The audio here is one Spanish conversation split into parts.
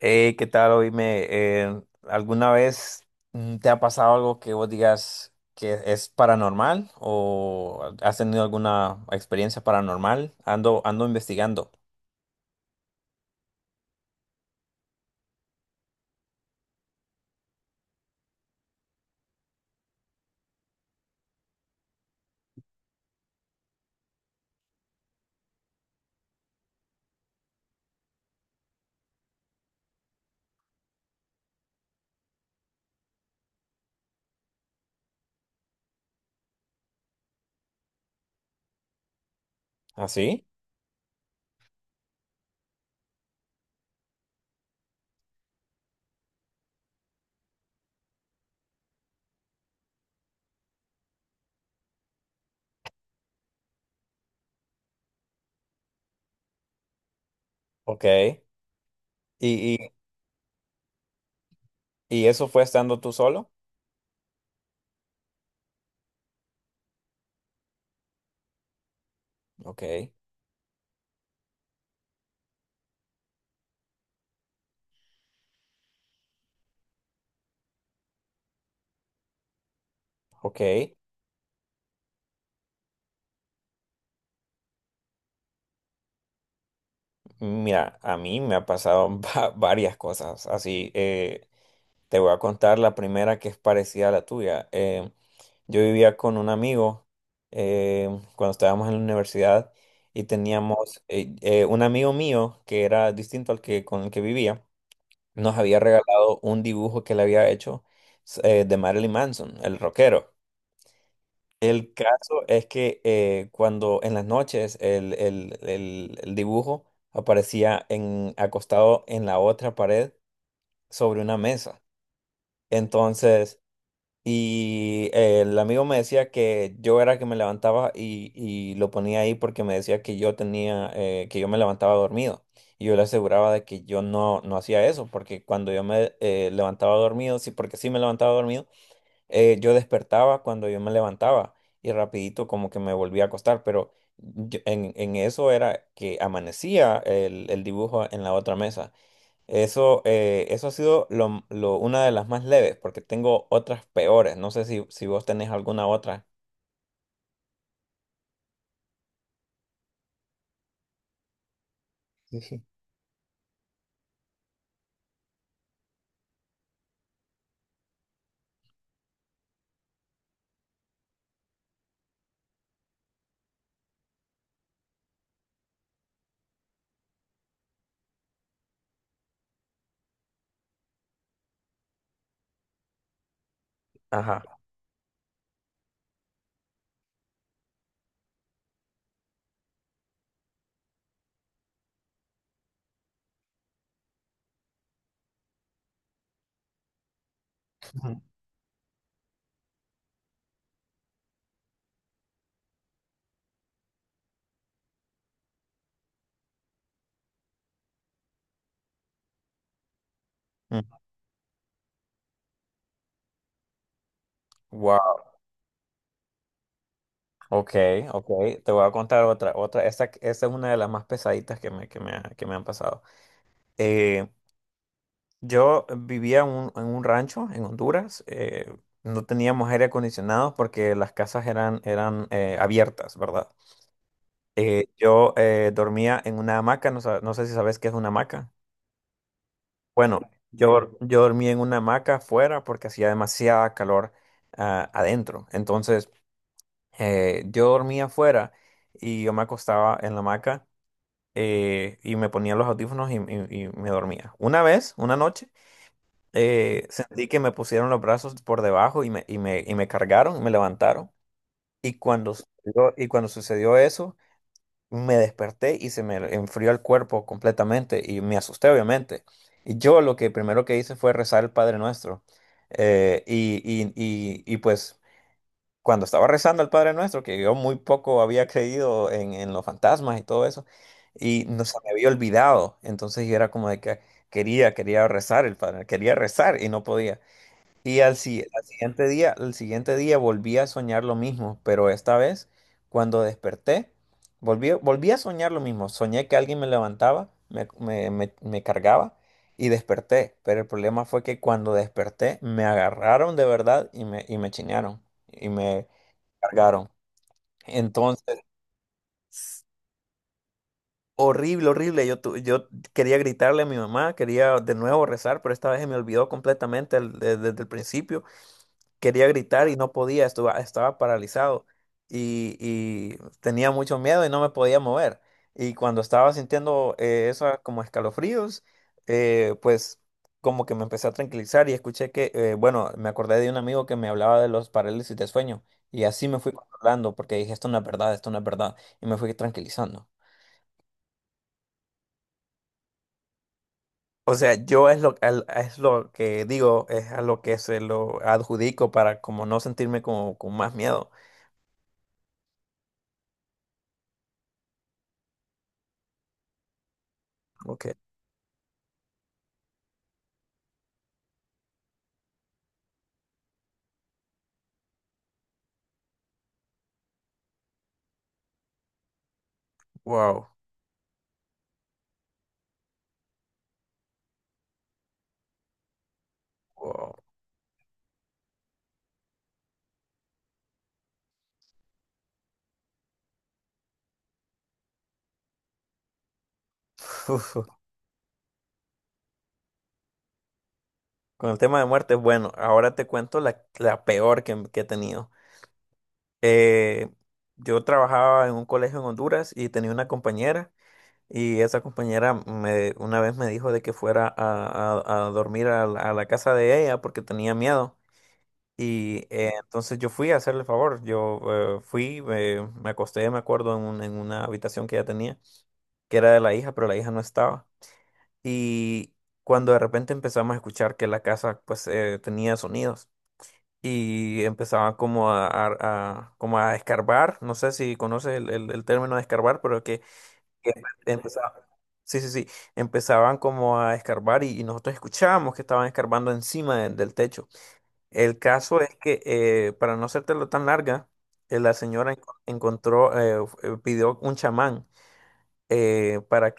Hey, ¿qué tal? Oíme, ¿alguna vez te ha pasado algo que vos digas que es paranormal o has tenido alguna experiencia paranormal? Ando investigando. ¿Ah, sí? Ok. Y, y eso fue estando tú solo? Ok, ok. Mira, a mí me ha pasado varias cosas. Así, te voy a contar la primera que es parecida a la tuya. Yo vivía con un amigo eh, cuando estábamos en la universidad y teníamos un amigo mío que era distinto al que con el que vivía, nos había regalado un dibujo que le había hecho de Marilyn Manson, el rockero. El caso es que cuando en las noches el dibujo aparecía acostado en la otra pared sobre una mesa. Entonces, y el amigo me decía que yo era el que me levantaba y lo ponía ahí porque me decía que yo me levantaba dormido. Y yo le aseguraba de que yo no hacía eso, porque cuando yo me levantaba dormido, sí, porque sí me levantaba dormido, yo despertaba cuando yo me levantaba y rapidito como que me volvía a acostar. Pero en eso era que amanecía el dibujo en la otra mesa. Eso ha sido una de las más leves, porque tengo otras peores. No sé si vos tenés alguna otra. Sí. Ajá. Ujú. Mm. Wow. Ok, ok. Te voy a contar otra, otra. Esta es una de las más pesaditas que me han pasado. Eh, yo vivía en en un rancho en Honduras. No teníamos aire acondicionado porque las casas eran abiertas, ¿verdad? Yo dormía en una hamaca. No, no sé si sabes qué es una hamaca. Bueno, yo, yo dormí en una hamaca afuera porque hacía demasiada calor adentro. Entonces, yo dormía afuera y yo me acostaba en la hamaca y me ponía los audífonos y me dormía. Una vez, una noche, sentí que me pusieron los brazos por debajo y me cargaron, me levantaron. Y cuando sucedió eso, me desperté y se me enfrió el cuerpo completamente y me asusté obviamente. Y yo lo que primero que hice fue rezar el Padre Nuestro. Y pues cuando estaba rezando el Padre Nuestro, que yo muy poco había creído en los fantasmas y todo eso, y no se me había olvidado. Entonces yo era como de que quería rezar el Padre, quería rezar y no podía. Y al, si- al siguiente día volví a soñar lo mismo, pero esta vez, cuando desperté, volví a soñar lo mismo. Soñé que alguien me levantaba, me cargaba y desperté. Pero el problema fue que cuando desperté, me agarraron de verdad y me chinearon y me cargaron. Entonces, horrible, horrible. Yo quería gritarle a mi mamá, quería de nuevo rezar, pero esta vez se me olvidó completamente desde el principio. Quería gritar y no podía, estaba paralizado y tenía mucho miedo y no me podía mover. Y cuando estaba sintiendo eso como escalofríos, pues como que me empecé a tranquilizar y escuché que, bueno, me acordé de un amigo que me hablaba de los parálisis de sueño y así me fui controlando porque dije, esto no es verdad, esto no es verdad y me fui tranquilizando. O sea, yo es lo, al- es lo que digo, es a lo que se lo adjudico para como no sentirme como con más miedo. Ok, wow. Wow. Con el tema de muerte, bueno, ahora te cuento la peor que he tenido. Eh, yo trabajaba en un colegio en Honduras y tenía una compañera y esa compañera una vez me dijo de que fuera a dormir a la casa de ella porque tenía miedo. Y entonces yo fui a hacerle el favor, yo fui, me acosté, me acuerdo, en una habitación que ella tenía, que era de la hija, pero la hija no estaba. Y cuando de repente empezamos a escuchar que la casa pues tenía sonidos y empezaba como a escarbar, no sé si conoces el término de escarbar, pero que empezaba, sí, sí, sí, empezaban como a escarbar y nosotros escuchábamos que estaban escarbando encima del techo. El caso es que para no hacértelo tan larga, la señora pidió un chamán para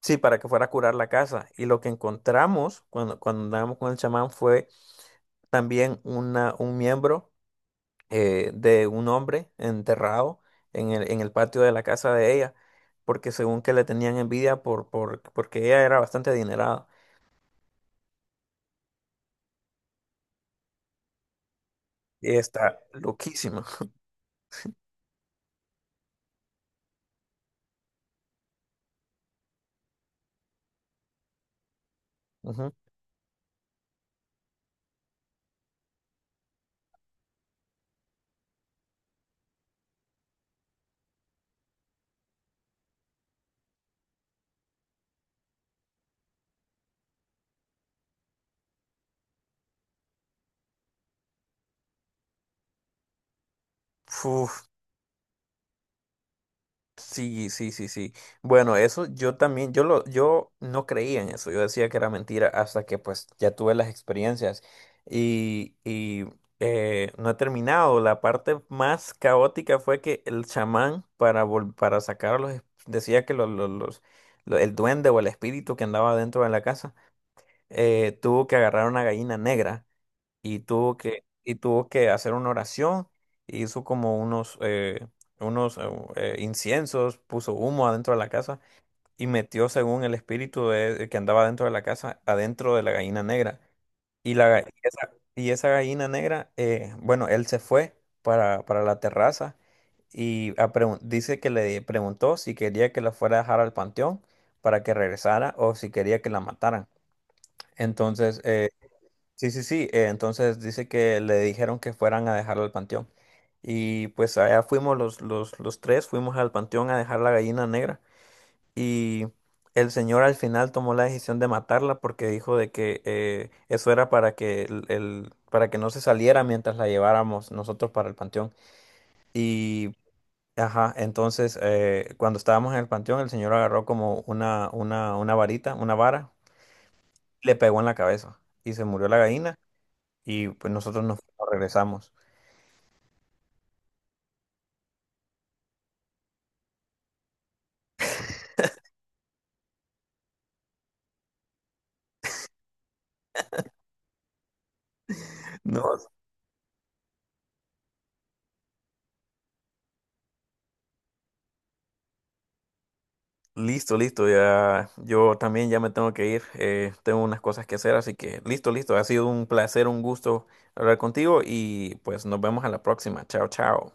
Sí, para que fuera a curar la casa. Y lo que encontramos cuando andábamos con el chamán fue también un miembro de un hombre enterrado en el patio de la casa de ella, porque según que le tenían envidia porque ella era bastante adinerada. Y está loquísima. Ujú. Uf, sí, sí, sí, sí. Bueno, eso yo también, yo no creía en eso. Yo decía que era mentira hasta que pues ya tuve las experiencias. Y no he terminado. La parte más caótica fue que el chamán para sacarlos decía que el duende o el espíritu que andaba dentro de la casa tuvo que agarrar una gallina negra y tuvo que hacer una oración, e hizo como unos inciensos, puso humo adentro de la casa y metió según el espíritu que andaba dentro de la casa, adentro de la gallina negra. Y, la, ga- y esa gallina negra, bueno, él se fue para la terraza y dice que le preguntó si quería que la fuera a dejar al panteón para que regresara o si quería que la mataran. Entonces, eh, Sí, sí, sí. Entonces dice que le dijeron que fueran a dejarla al panteón. Y pues allá fuimos los tres, fuimos al panteón a dejar la gallina negra. Y el señor al final tomó la decisión de matarla porque dijo de que eso era para que para que no se saliera mientras la lleváramos nosotros para el panteón. Y, ajá, entonces cuando estábamos en el panteón, el señor agarró como una varita, una vara, le pegó en la cabeza. Y se murió la gallina y pues nosotros nos regresamos. No, listo, listo, ya yo también ya me tengo que ir, tengo unas cosas que hacer, así que listo, listo, ha sido un placer, un gusto hablar contigo y pues nos vemos a la próxima. Chao, chao.